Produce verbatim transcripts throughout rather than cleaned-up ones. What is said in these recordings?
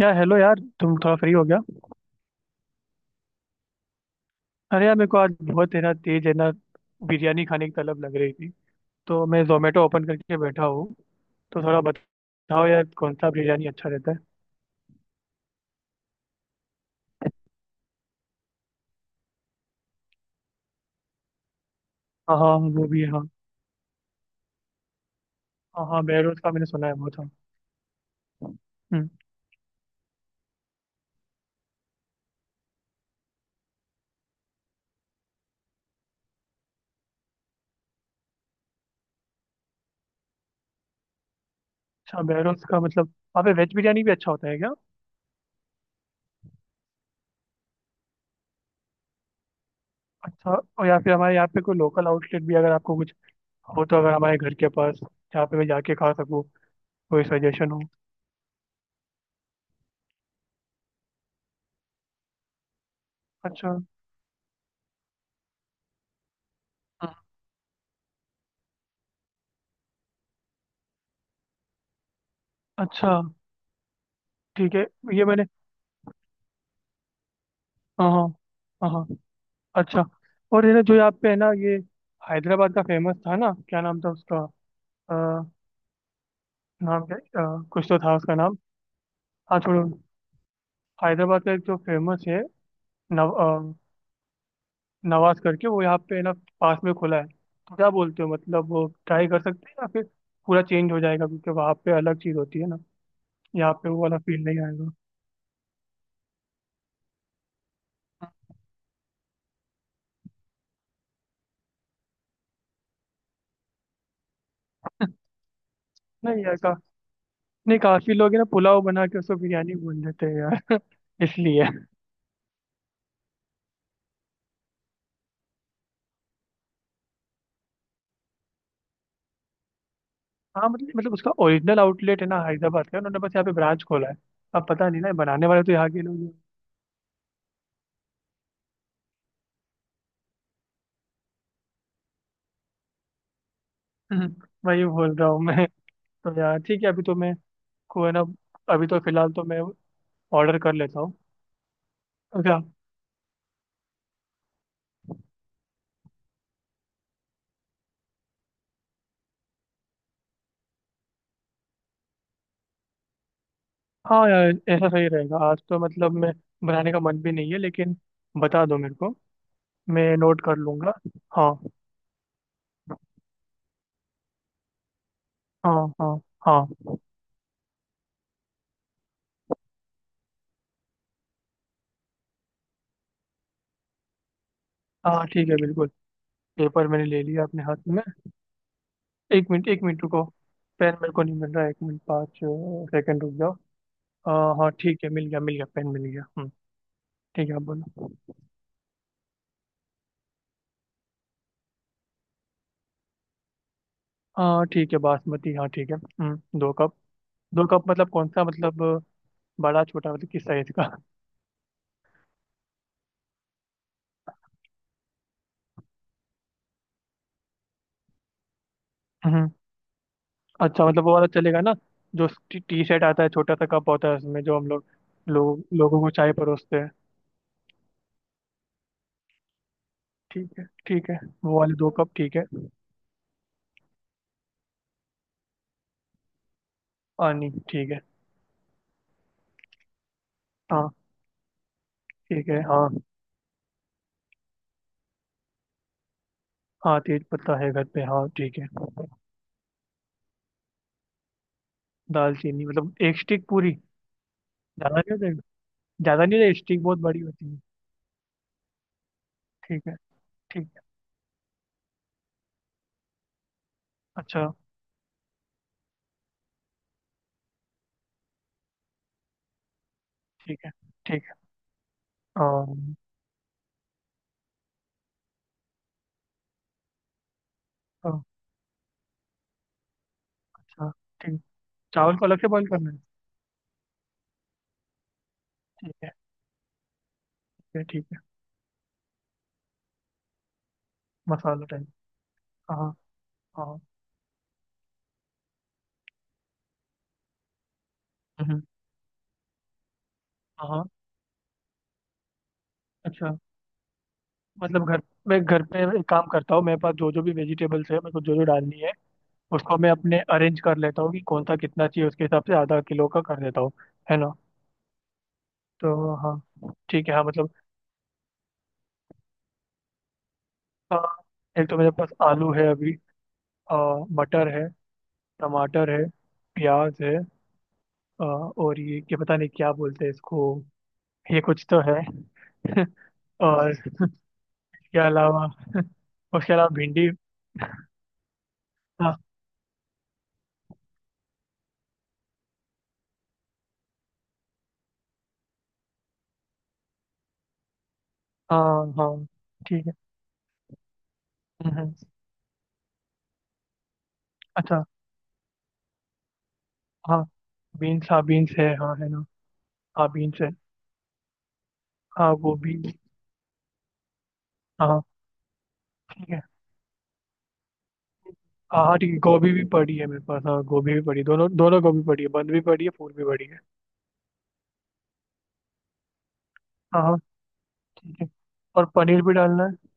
यार हेलो। यार तुम थोड़ा फ्री हो गया? अरे यार मेरे को आज बहुत है ना, तेज है ना बिरयानी खाने की तलब लग रही थी। तो मैं जोमेटो ओपन करके बैठा हूँ। तो थोड़ा बताओ यार, कौन सा बिरयानी अच्छा रहता है? हाँ हाँ, वो भी है हाँ। हाँ हाँ, बैरोज का मैंने सुना है बहुत, हाँ। हम्म। अच्छा बैरोज का मतलब वहाँ पे वेज बिरयानी भी अच्छा होता है क्या? अच्छा। और या फिर हमारे यहाँ पे कोई लोकल आउटलेट भी अगर आपको कुछ हो, तो अगर हमारे घर के पास जहाँ पे मैं जाके खा सकूँ, कोई सजेशन हो। अच्छा। हाँ। अच्छा ठीक है। ये मैंने, हाँ हाँ, हाँ हाँ, अच्छा। और है ना जो यहाँ पे है ना, ये हैदराबाद का फेमस था ना, क्या नाम था उसका? अ, नाम क्या? अ, कुछ तो था उसका नाम। हाँ छोड़ो। हैदराबाद का एक जो फेमस है, नव अ, नवाज करके, वो यहाँ पे है ना, पास में खुला है। तो क्या बोलते हो, मतलब वो ट्राई कर सकते हैं या फिर पूरा चेंज हो जाएगा, क्योंकि वहाँ पे अलग चीज़ होती है ना, यहाँ पे वो वाला फील नहीं आएगा। नहीं यार का, नहीं काफी लोग है ना पुलाव बना के उसको बिरयानी बोल देते हैं यार। इसलिए। हाँ मतलब, मतलब उसका ओरिजिनल आउटलेट है ना हैदराबाद का, उन्होंने बस यहाँ पे ब्रांच खोला है। अब पता नहीं ना, ये बनाने वाले तो यहाँ के लोग ही हैं। वही बोल रहा हूँ मैं। तो यार ठीक है, अभी तो मैं को है ना, अभी तो फिलहाल तो मैं ऑर्डर कर लेता हूँ। अच्छा। हाँ यार ऐसा सही रहेगा। आज तो मतलब मैं बनाने का मन भी नहीं है, लेकिन बता दो मेरे को, मैं नोट कर लूंगा। हाँ हाँ। हाँ हाँ। हाँ ठीक है बिल्कुल। पेपर मैंने ले लिया अपने हाथ में। एक मिनट एक मिनट रुको, पेन मेरे को नहीं मिल रहा है, एक मिनट पाँच सेकंड रुक जाओ। अ, हाँ ठीक है, मिल गया, मिल गया पेन मिल गया। हम्म। ठीक है, आप बोलो। हाँ ठीक है, बासमती, हाँ ठीक है, हम्म, दो कप। दो कप मतलब कौन सा मतलब, बड़ा छोटा, मतलब किस साइज का? हम्म। अच्छा मतलब वो वाला चलेगा ना, जो टी, टी शर्ट आता है, छोटा सा कप होता है, उसमें जो हम लोग लोग लोगों को चाय परोसते हैं। ठीक है ठीक है, वो वाले दो कप ठीक है। पानी ठीक है। हाँ ठीक है। हाँ हाँ तेज पत्ता है घर पे, हाँ ठीक है। दालचीनी मतलब एक स्टिक पूरी? ज़्यादा नहीं होता? ज़्यादा नहीं होता स्टिक बहुत बड़ी होती है। ठीक है। ठीक। अच्छा। ठीक है। ठीक है। अम, अ, अच्छा ठीक। चावल को अलग से बॉईल करना है? ठीक है। ठीक है ठीक है। मसाला टाइप। हाँ। हाँ हम्म, हाँ। अच्छा मतलब घर, मैं घर पे एक काम करता हूँ, मेरे पास जो जो भी वेजिटेबल्स है, मेरे को जो जो डालनी है, उसको मैं अपने अरेंज कर लेता हूँ कि कौन सा कितना चाहिए, उसके हिसाब से आधा किलो का कर देता हूँ, है ना। तो हाँ ठीक है, हाँ मतलब, अ, एक तो मेरे पास आलू है अभी, अ, मटर है, टमाटर है, प्याज है, अ, और ये क्या पता नहीं क्या बोलते हैं इसको, ये कुछ तो है और इसके अलावा उसके अलावा भिंडी। हाँ हाँ। हाँ ठीक है। हम्म, हम्म, अच्छा। हाँ बीन्स, हाँ बीन्स है हाँ, है ना, हाँ बीन्स है। हाँ गोभी। हाँ ठीक है। हाँ हाँ, ठीक है, गोभी भी पड़ी है मेरे पास, हाँ गोभी भी पड़ी है, दोनों दोनों गोभी पड़ी है, बंद भी पड़ी है, फूल भी पड़ी है। हाँ हाँ। ठीक है। और पनीर भी डालना है।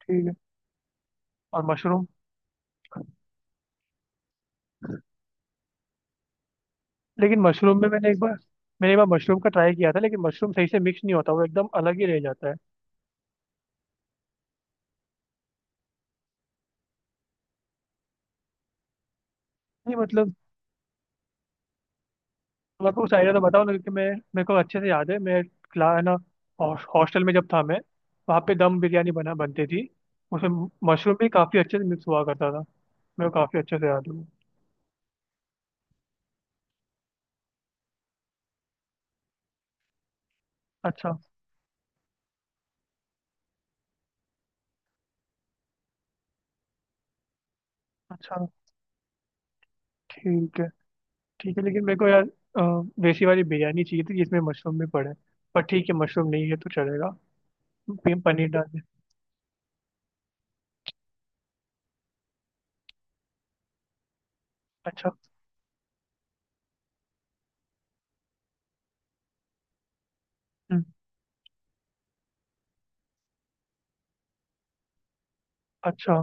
ठीक है। और मशरूम। लेकिन मशरूम में मैंने एक बार, मैंने एक बार मशरूम का ट्राई किया था, लेकिन मशरूम सही से मिक्स नहीं होता, वो एकदम अलग ही रह जाता है। नहीं मतलब तुम आपको कुछ आइडिया तो बताओ ना, क्योंकि मैं मेरे को अच्छे से याद है, मैं क्ला है ना, हॉस्टल में जब था मैं, वहाँ पे दम बिरयानी बना बनती थी, उसमें मशरूम भी काफ़ी अच्छे से मिक्स हुआ करता था, मेरे को काफ़ी अच्छे से याद है वो। अच्छा। अच्छा ठीक है। ठीक है, लेकिन मेरे को यार अ, देसी वाली बिरयानी चाहिए थी जिसमें मशरूम भी पड़े, पर ठीक है मशरूम नहीं है तो चलेगा। पनीर डाल दे। अच्छा। हम्म। अच्छा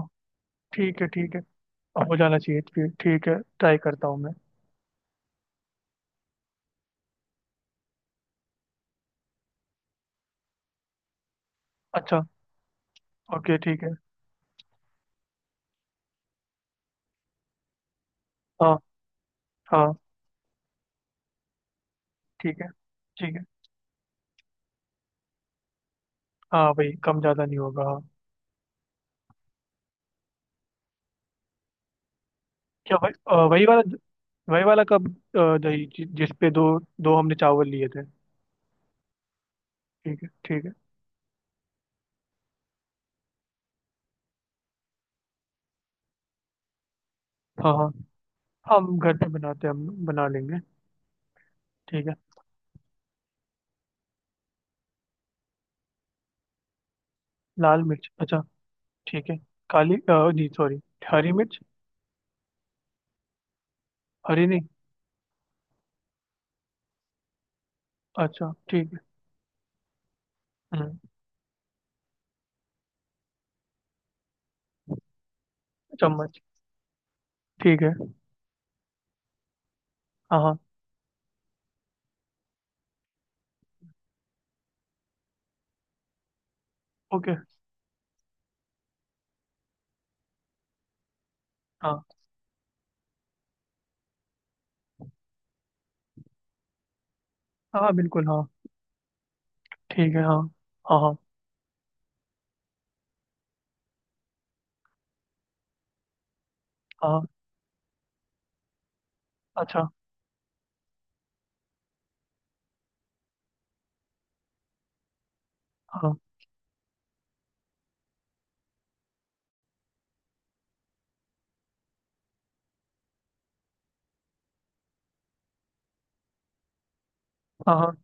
ठीक है। ठीक है, हो जाना चाहिए फिर। ठीक है, ट्राई करता हूँ मैं। अच्छा। ओके ठीक है। हाँ। हाँ। ठीक है। ठीक है। हाँ भाई, कम ज़्यादा नहीं होगा हाँ। क्या भाई, अ, वही वाला, वही वाला कब? अ, दही जि- जिस पे दो, दो हमने चावल लिए थे। ठीक है ठीक है। हाँ हाँ, हम घर पे बनाते हैं, हम बना लेंगे। ठीक है। लाल मिर्च, अच्छा, ठीक है। काली अ, नहीं सॉरी, हरी मिर्च। हरी नहीं? अच्छा ठीक है। हम्म, चम्मच ठीक है। हाँ हाँ। ओके। हाँ हाँ बिल्कुल हाँ। ठीक है। हाँ हाँ। हाँ हाँ। अच्छा। हाँ हाँ। हाँ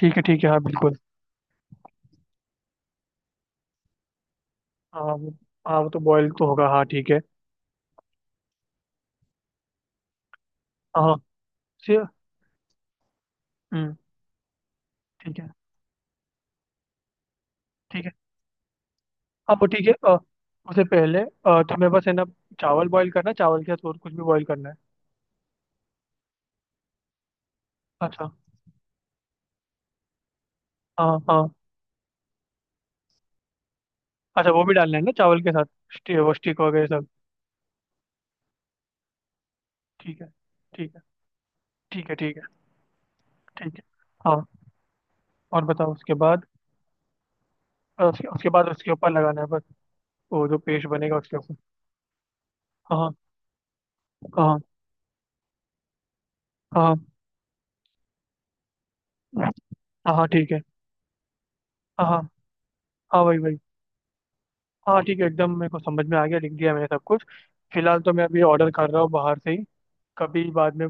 ठीक है ठीक है। हाँ बिल्कुल। हाँ वो, हाँ वो तो बॉयल तो होगा, हाँ ठीक है। हाँ से, हम्म, ठीक है। ठीक है। हाँ वो ठीक है, अ, उससे पहले अ, तुम्हें बस है ना चावल बॉईल करना है, चावल के साथ और कुछ भी बॉईल करना है? अच्छा। हाँ हाँ। अच्छा वो भी डालना है ना चावल के साथ, स्टी, वो स्टिक वगैरह सब? ठीक है। ठीक है। ठीक है। ठीक है। ठीक है। हाँ, और बताओ उसके बाद? अ, उसके, उसके बाद उसके ऊपर लगाना है बस, वो जो पेस्ट बनेगा उसके ऊपर। हाँ। हाँ हाँ। हाँ हाँ। हाँ ठीक है। हाँ हाँ। हाँ वही वही। हाँ ठीक है, एकदम मेरे को समझ में आ गया, लिख दिया मैंने सब कुछ। फिलहाल तो मैं अभी ऑर्डर कर रहा हूँ बाहर से ही, कभी बाद में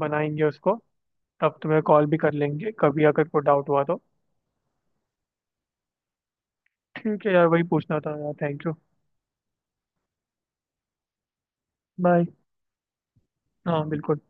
बनाएंगे उसको, तब तुम्हें कॉल भी कर लेंगे कभी अगर कोई डाउट हुआ तो। ठीक है यार, वही पूछना था यार, थैंक यू। बाय। हाँ बिल्कुल।